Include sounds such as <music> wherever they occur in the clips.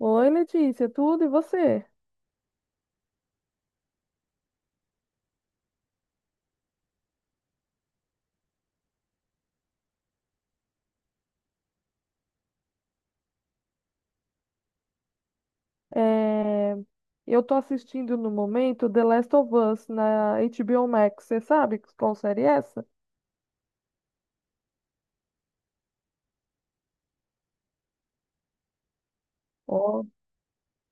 Oi, Letícia, tudo e você? É, Eu tô assistindo no momento The Last of Us na HBO Max. Você sabe qual série é essa? Ó.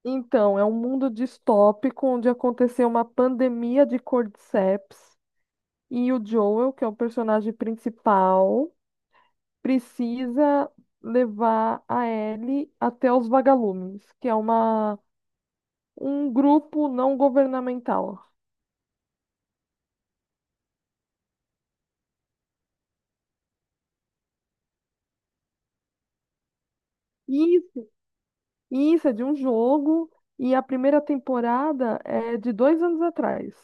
Então, é um mundo distópico onde aconteceu uma pandemia de cordyceps e o Joel, que é o personagem principal, precisa levar a Ellie até os vagalumes, que é um grupo não governamental. Isso é de um jogo e a primeira temporada é de 2 anos atrás.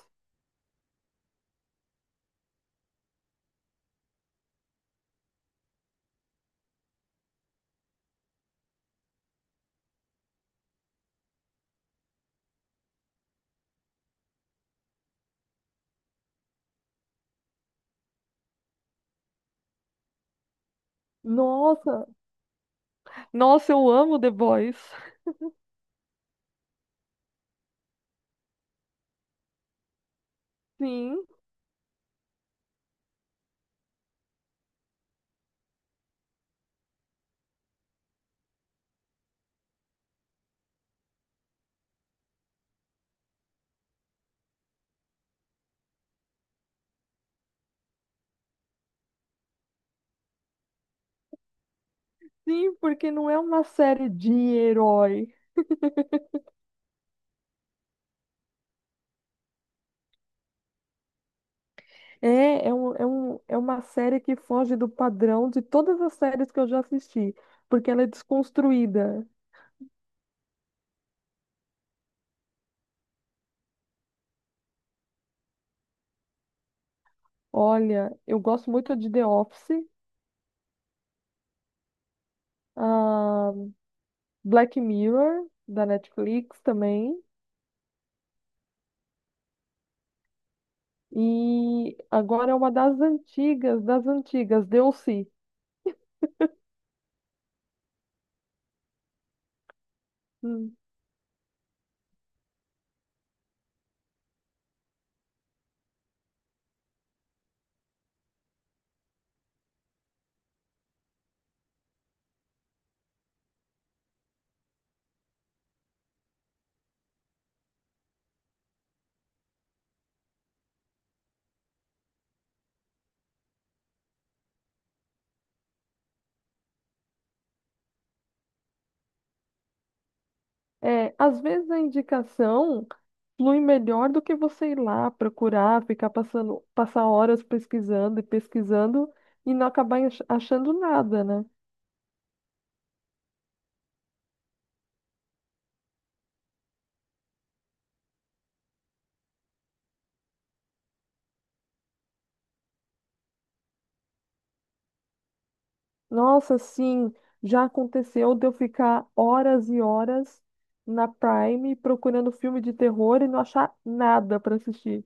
Nossa, nossa, eu amo The Boys. Sim, sim, porque não é uma série de herói. É uma série que foge do padrão de todas as séries que eu já assisti, porque ela é desconstruída. Olha, eu gosto muito de The Office, ah, Black Mirror, da Netflix também. E agora é uma das antigas, Deu-se. Hum. É, às vezes a indicação flui melhor do que você ir lá procurar, ficar passando, passar horas pesquisando e pesquisando e não acabar achando nada, né? Nossa, sim, já aconteceu de eu ficar horas e horas na Prime procurando filme de terror e não achar nada para assistir.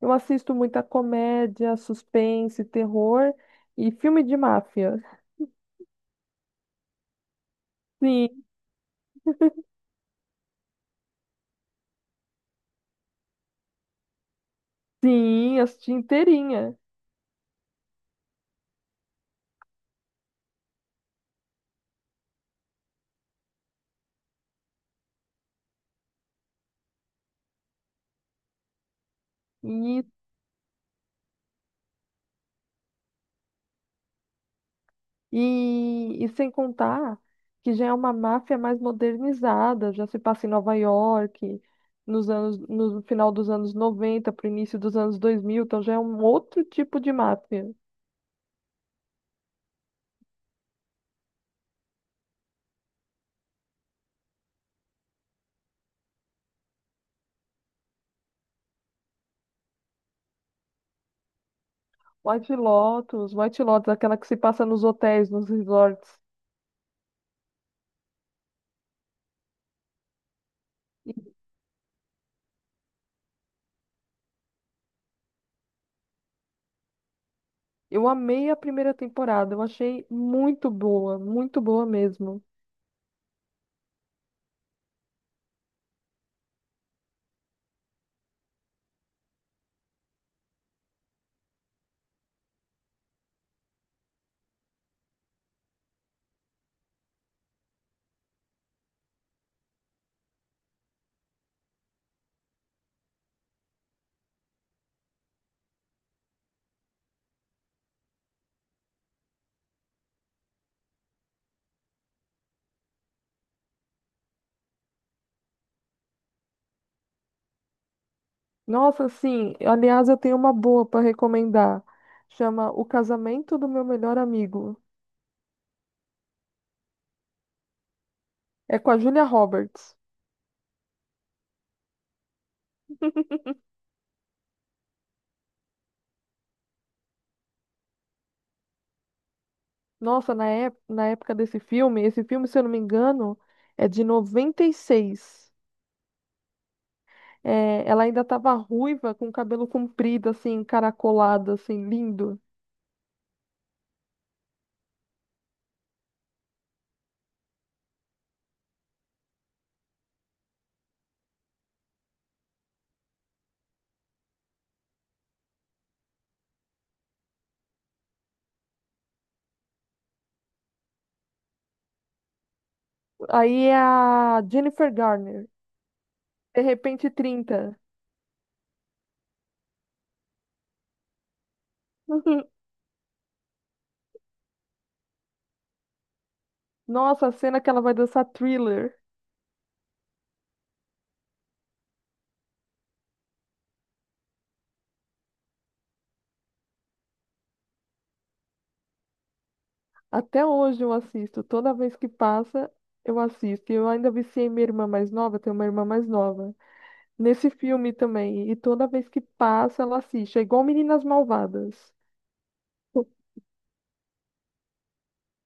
Eu assisto muita comédia, suspense, terror e filme de máfia. Sim, sim, assisti inteirinha. E, e sem contar que já é uma máfia mais modernizada, já se passa em Nova York, no final dos anos 90 para o início dos anos 2000. Então já é um outro tipo de máfia. White Lotus, White Lotus, aquela que se passa nos hotéis, nos resorts. Eu amei a primeira temporada, eu achei muito boa mesmo. Nossa, sim, aliás, eu tenho uma boa para recomendar. Chama O Casamento do Meu Melhor Amigo. É com a Julia Roberts. Nossa, na época desse filme, esse filme, se eu não me engano, é de 96. É, ela ainda estava ruiva, com o cabelo comprido, assim, caracolado, assim, lindo. Aí é a Jennifer Garner, de repente 30. <laughs> Nossa, a cena que ela vai dançar Thriller. Até hoje eu assisto. Toda vez que passa, eu assisto. E eu ainda viciei minha irmã mais nova, eu tenho uma irmã mais nova. Nesse filme também. E toda vez que passa, ela assiste. É igual Meninas Malvadas.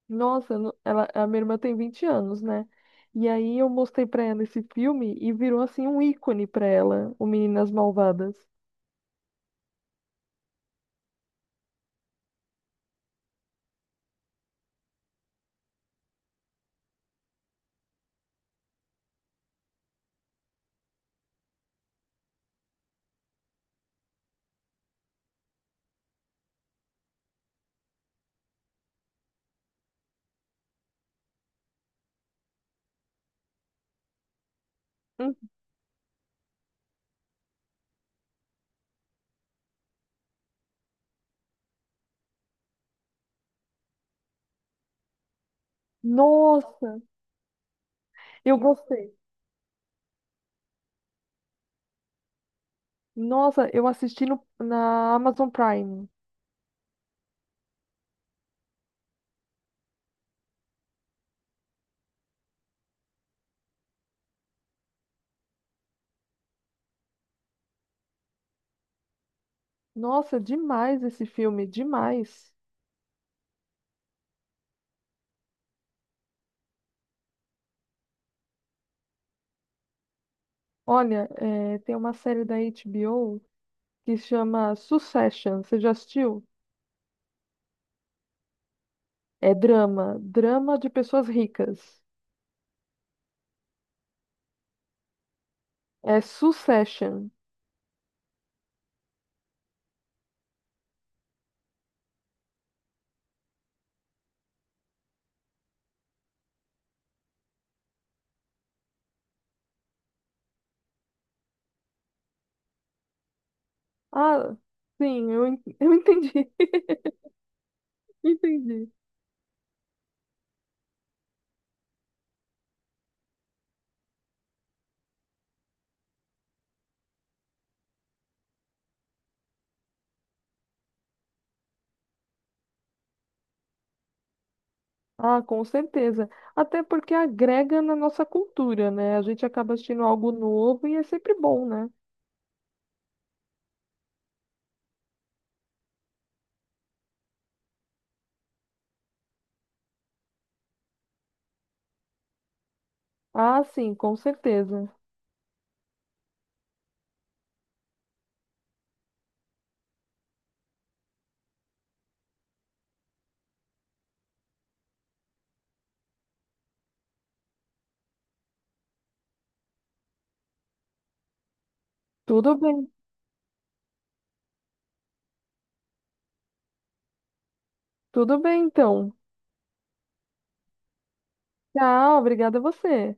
Nossa, ela, a minha irmã tem 20 anos, né? E aí eu mostrei pra ela esse filme e virou assim um ícone pra ela, o Meninas Malvadas. Hum. Nossa, eu gostei. Nossa, eu assisti no, na Amazon Prime. Nossa, demais esse filme, demais. Olha, é, tem uma série da HBO que chama Succession. Você já assistiu? É drama, drama de pessoas ricas. É Succession. Ah, sim, <laughs> eu entendi, <laughs> entendi. Ah, com certeza. Até porque agrega na nossa cultura, né? A gente acaba assistindo algo novo e é sempre bom, né? Ah, sim, com certeza. Tudo bem, tudo bem então. Tchau, obrigada a você.